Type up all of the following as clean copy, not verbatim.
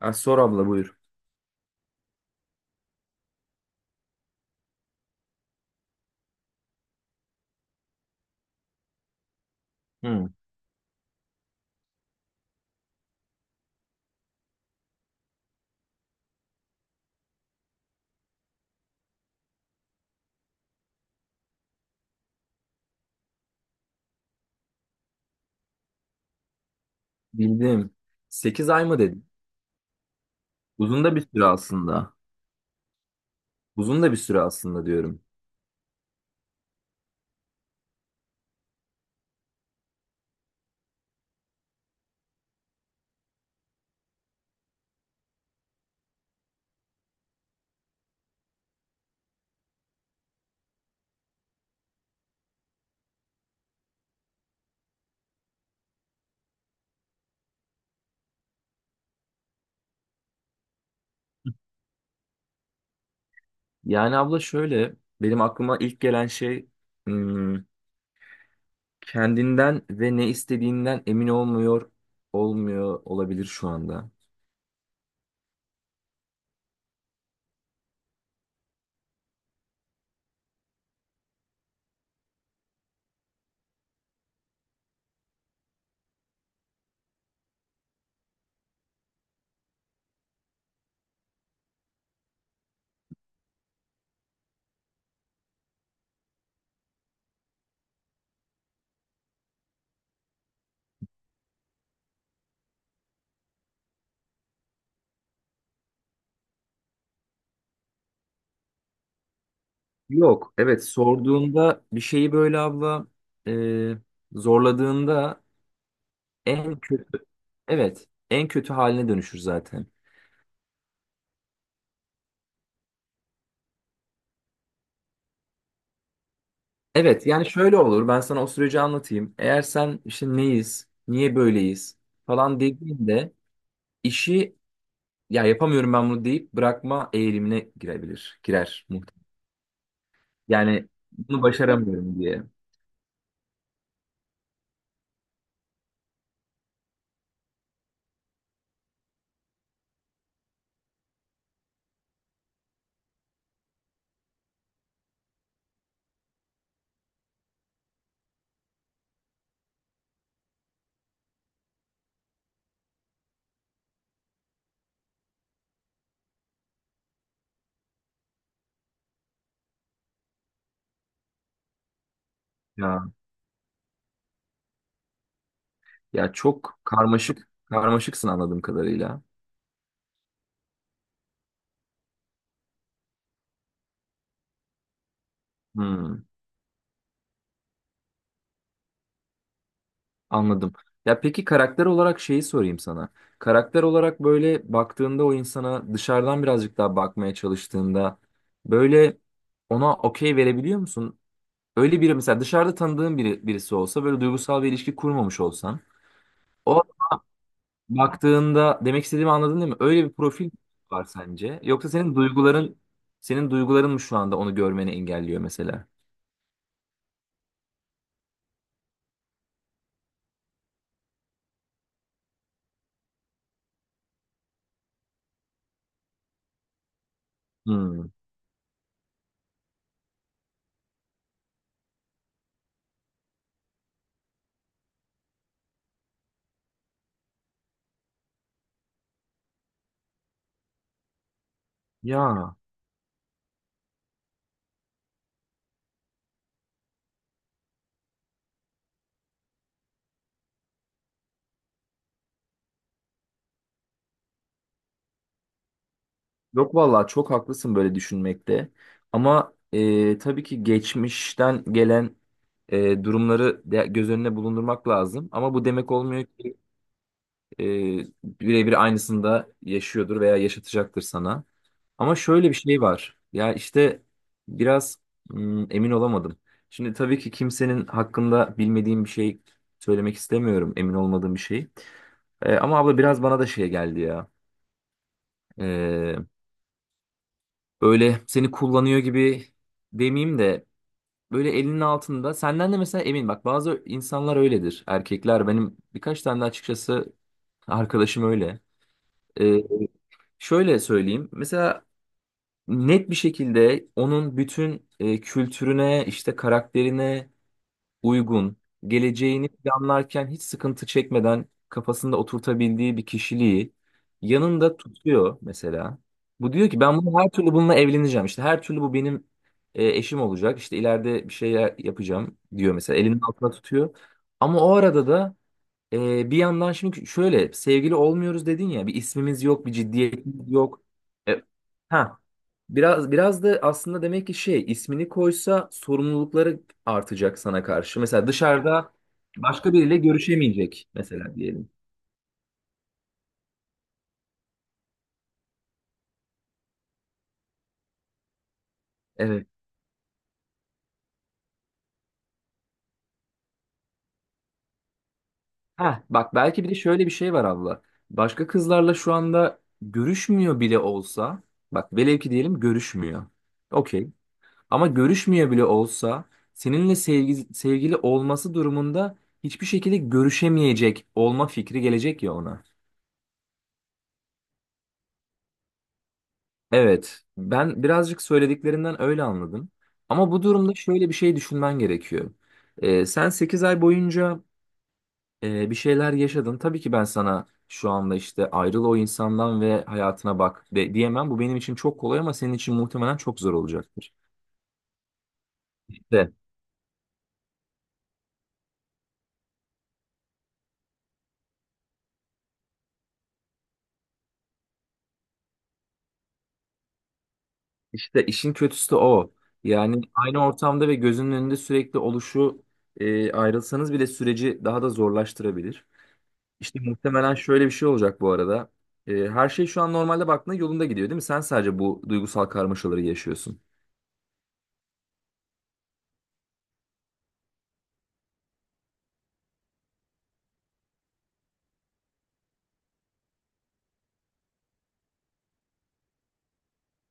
Ha, sor abla, buyur. Hı. Bildim. 8 ay mı dedin? Uzun da bir süre aslında. Uzun da bir süre aslında diyorum. Yani abla, şöyle benim aklıma ilk gelen şey, hmm, kendinden ve ne istediğinden emin olmuyor olabilir şu anda. Yok, evet, sorduğunda bir şeyi böyle abla, e, zorladığında en kötü, evet, en kötü haline dönüşür zaten. Evet, yani şöyle olur, ben sana o süreci anlatayım. Eğer sen işte neyiz, niye böyleyiz falan dediğinde işi, ya yapamıyorum ben bunu deyip bırakma eğilimine girebilir, girer muhtemelen. Yani bunu başaramıyorum diye. Ya, ya, çok karmaşıksın anladığım kadarıyla. Hmm, anladım. Ya, peki karakter olarak şeyi sorayım sana. Karakter olarak böyle baktığında, o insana dışarıdan birazcık daha bakmaya çalıştığında, böyle ona okey verebiliyor musun? Öyle biri, mesela dışarıda tanıdığın biri, birisi olsa, böyle duygusal bir ilişki kurmamış olsan, o baktığında demek istediğimi anladın değil mi? Öyle bir profil var sence? Yoksa senin duyguların mı şu anda onu görmeni engelliyor mesela? Hmm. Ya, yok vallahi çok haklısın böyle düşünmekte. Ama tabii ki geçmişten gelen durumları göz önüne bulundurmak lazım. Ama bu demek olmuyor ki e, birebir aynısını da yaşıyordur veya yaşatacaktır sana. Ama şöyle bir şey var. Ya işte biraz emin olamadım. Şimdi tabii ki kimsenin hakkında bilmediğim bir şey söylemek istemiyorum. Emin olmadığım bir şey. Ama abla biraz bana da şey geldi ya. E, Böyle seni kullanıyor gibi demeyeyim de, böyle elinin altında. Senden de mesela emin. Bak, bazı insanlar öyledir. Erkekler, benim birkaç tane de açıkçası arkadaşım öyle. E, Şöyle söyleyeyim. Mesela net bir şekilde onun bütün kültürüne, işte karakterine uygun, geleceğini planlarken hiç sıkıntı çekmeden kafasında oturtabildiği bir kişiliği yanında tutuyor mesela. Bu diyor ki, ben bunu her türlü, bununla evleneceğim. İşte her türlü bu benim eşim olacak. İşte ileride bir şey yapacağım diyor mesela. Elinin altına tutuyor. Ama o arada da bir yandan, şimdi şöyle sevgili olmuyoruz dedin ya, bir ismimiz yok, bir ciddiyetimiz yok. E, ha biraz da aslında demek ki, şey, ismini koysa sorumlulukları artacak sana karşı. Mesela dışarıda başka biriyle görüşemeyecek mesela diyelim. Evet. Ha, bak belki bir de şöyle bir şey var abla. Başka kızlarla şu anda görüşmüyor bile olsa, bak velev ki diyelim görüşmüyor. Okey. Ama görüşmüyor bile olsa, seninle sevgili olması durumunda hiçbir şekilde görüşemeyecek olma fikri gelecek ya ona. Evet, ben birazcık söylediklerinden öyle anladım. Ama bu durumda şöyle bir şey düşünmen gerekiyor. Sen 8 ay boyunca bir şeyler yaşadın. Tabii ki ben sana şu anda, işte ayrıl o insandan ve hayatına bak de, diyemem. Bu benim için çok kolay ama senin için muhtemelen çok zor olacaktır. İşte, İşte işin kötüsü de o. Yani aynı ortamda ve gözünün önünde sürekli oluşu ayrılsanız bile süreci daha da zorlaştırabilir. İşte muhtemelen şöyle bir şey olacak bu arada. Her şey şu an normalde baktığında yolunda gidiyor değil mi? Sen sadece bu duygusal karmaşaları yaşıyorsun.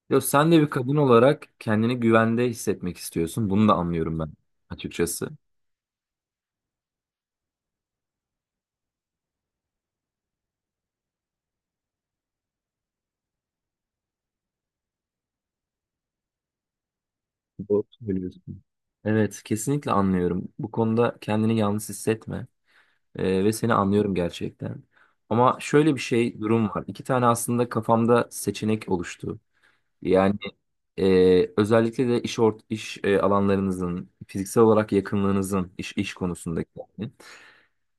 Ya sen de bir kadın olarak kendini güvende hissetmek istiyorsun. Bunu da anlıyorum ben, açıkçası. Doğru söylüyorsun. Evet, kesinlikle anlıyorum. Bu konuda kendini yalnız hissetme. Ve seni anlıyorum gerçekten. Ama şöyle bir şey durum var. İki tane aslında kafamda seçenek oluştu. Yani özellikle de iş ort iş alanlarınızın fiziksel olarak yakınlığınızın iş konusundaki yani,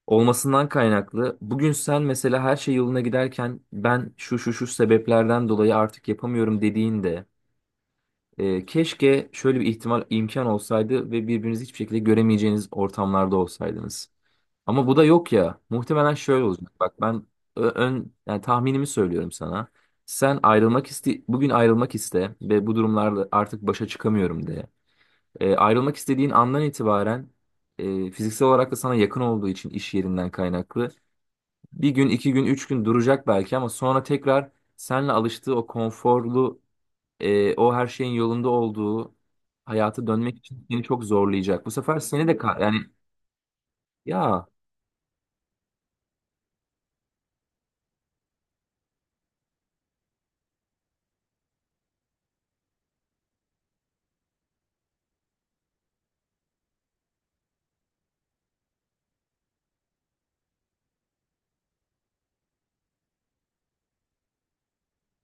olmasından kaynaklı. Bugün sen mesela, her şey yoluna giderken, ben şu şu şu sebeplerden dolayı artık yapamıyorum dediğinde, keşke şöyle bir ihtimal, imkan olsaydı ve birbirinizi hiçbir şekilde göremeyeceğiniz ortamlarda olsaydınız. Ama bu da yok ya. Muhtemelen şöyle olacak. Bak ben ön, yani tahminimi söylüyorum sana. Sen ayrılmak iste, bugün ayrılmak iste ve bu durumlarla artık başa çıkamıyorum de. Ayrılmak istediğin andan itibaren, fiziksel olarak da sana yakın olduğu için, iş yerinden kaynaklı. Bir gün, 2 gün, 3 gün duracak belki, ama sonra tekrar seninle alıştığı o konforlu, o her şeyin yolunda olduğu hayata dönmek için seni çok zorlayacak. Bu sefer seni de yani ya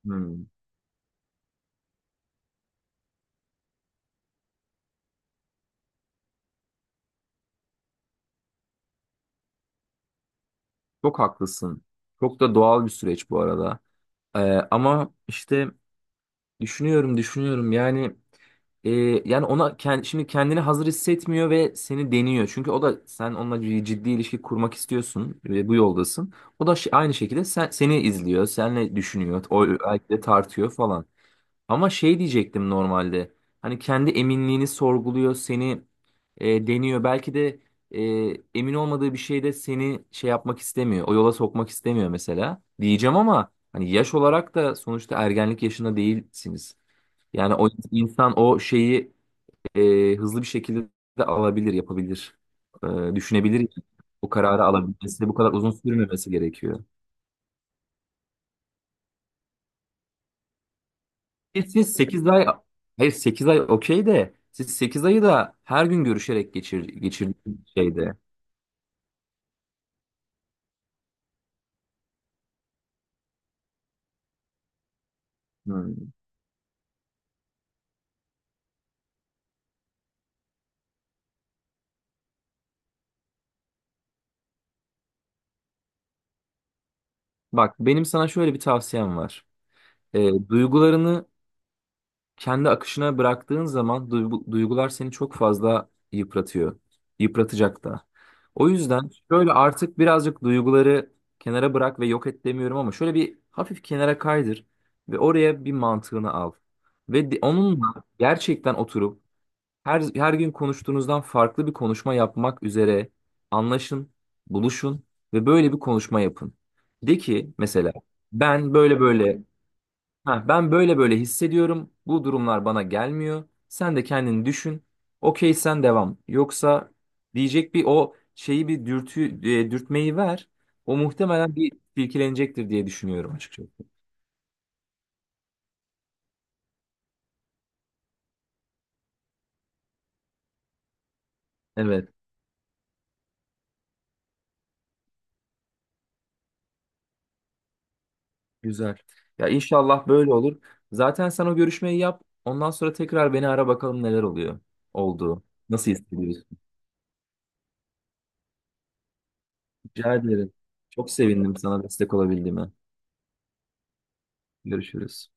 hmm. Çok haklısın. Çok da doğal bir süreç bu arada. Ee, Ama işte düşünüyorum. Yani e, yani ona şimdi kendini hazır hissetmiyor ve seni deniyor. Çünkü o da, sen onunla ciddi ilişki kurmak istiyorsun ve bu yoldasın. O da aynı şekilde sen, seni izliyor, seninle düşünüyor, o belki de tartıyor falan. Ama şey diyecektim normalde. Hani kendi eminliğini sorguluyor, seni deniyor. Belki de emin olmadığı bir şeyde seni şey yapmak istemiyor, o yola sokmak istemiyor mesela. Diyeceğim ama hani yaş olarak da sonuçta ergenlik yaşında değilsiniz. Yani o insan o şeyi hızlı bir şekilde de alabilir, yapabilir. Düşünebilir, yani. O kararı alabilmesi de bu kadar uzun sürmemesi gerekiyor. Siz 8 ay, hayır, 8 ay okey, de siz 8 ayı da her gün görüşerek geçirdiğiniz şeyde. Hmm. Bak benim sana şöyle bir tavsiyem var. Duygularını kendi akışına bıraktığın zaman, duygular seni çok fazla yıpratıyor. Yıpratacak da. O yüzden şöyle artık birazcık duyguları kenara bırak, ve yok et demiyorum, ama şöyle bir hafif kenara kaydır ve oraya bir mantığını al. Ve onunla gerçekten oturup her gün konuştuğunuzdan farklı bir konuşma yapmak üzere anlaşın, buluşun ve böyle bir konuşma yapın. De ki mesela, ben böyle böyle, ha, ben böyle böyle hissediyorum. Bu durumlar bana gelmiyor. Sen de kendini düşün. Okey, sen devam. Yoksa diyecek, bir o şeyi, bir dürtü, dürtmeyi ver. O muhtemelen bir silkelenecektir diye düşünüyorum açıkçası. Evet. Güzel. Ya inşallah böyle olur. Zaten sen o görüşmeyi yap. Ondan sonra tekrar beni ara, bakalım neler oluyor. Oldu. Nasıl hissediyorsun? Rica ederim. Çok sevindim sana destek olabildiğime. Görüşürüz.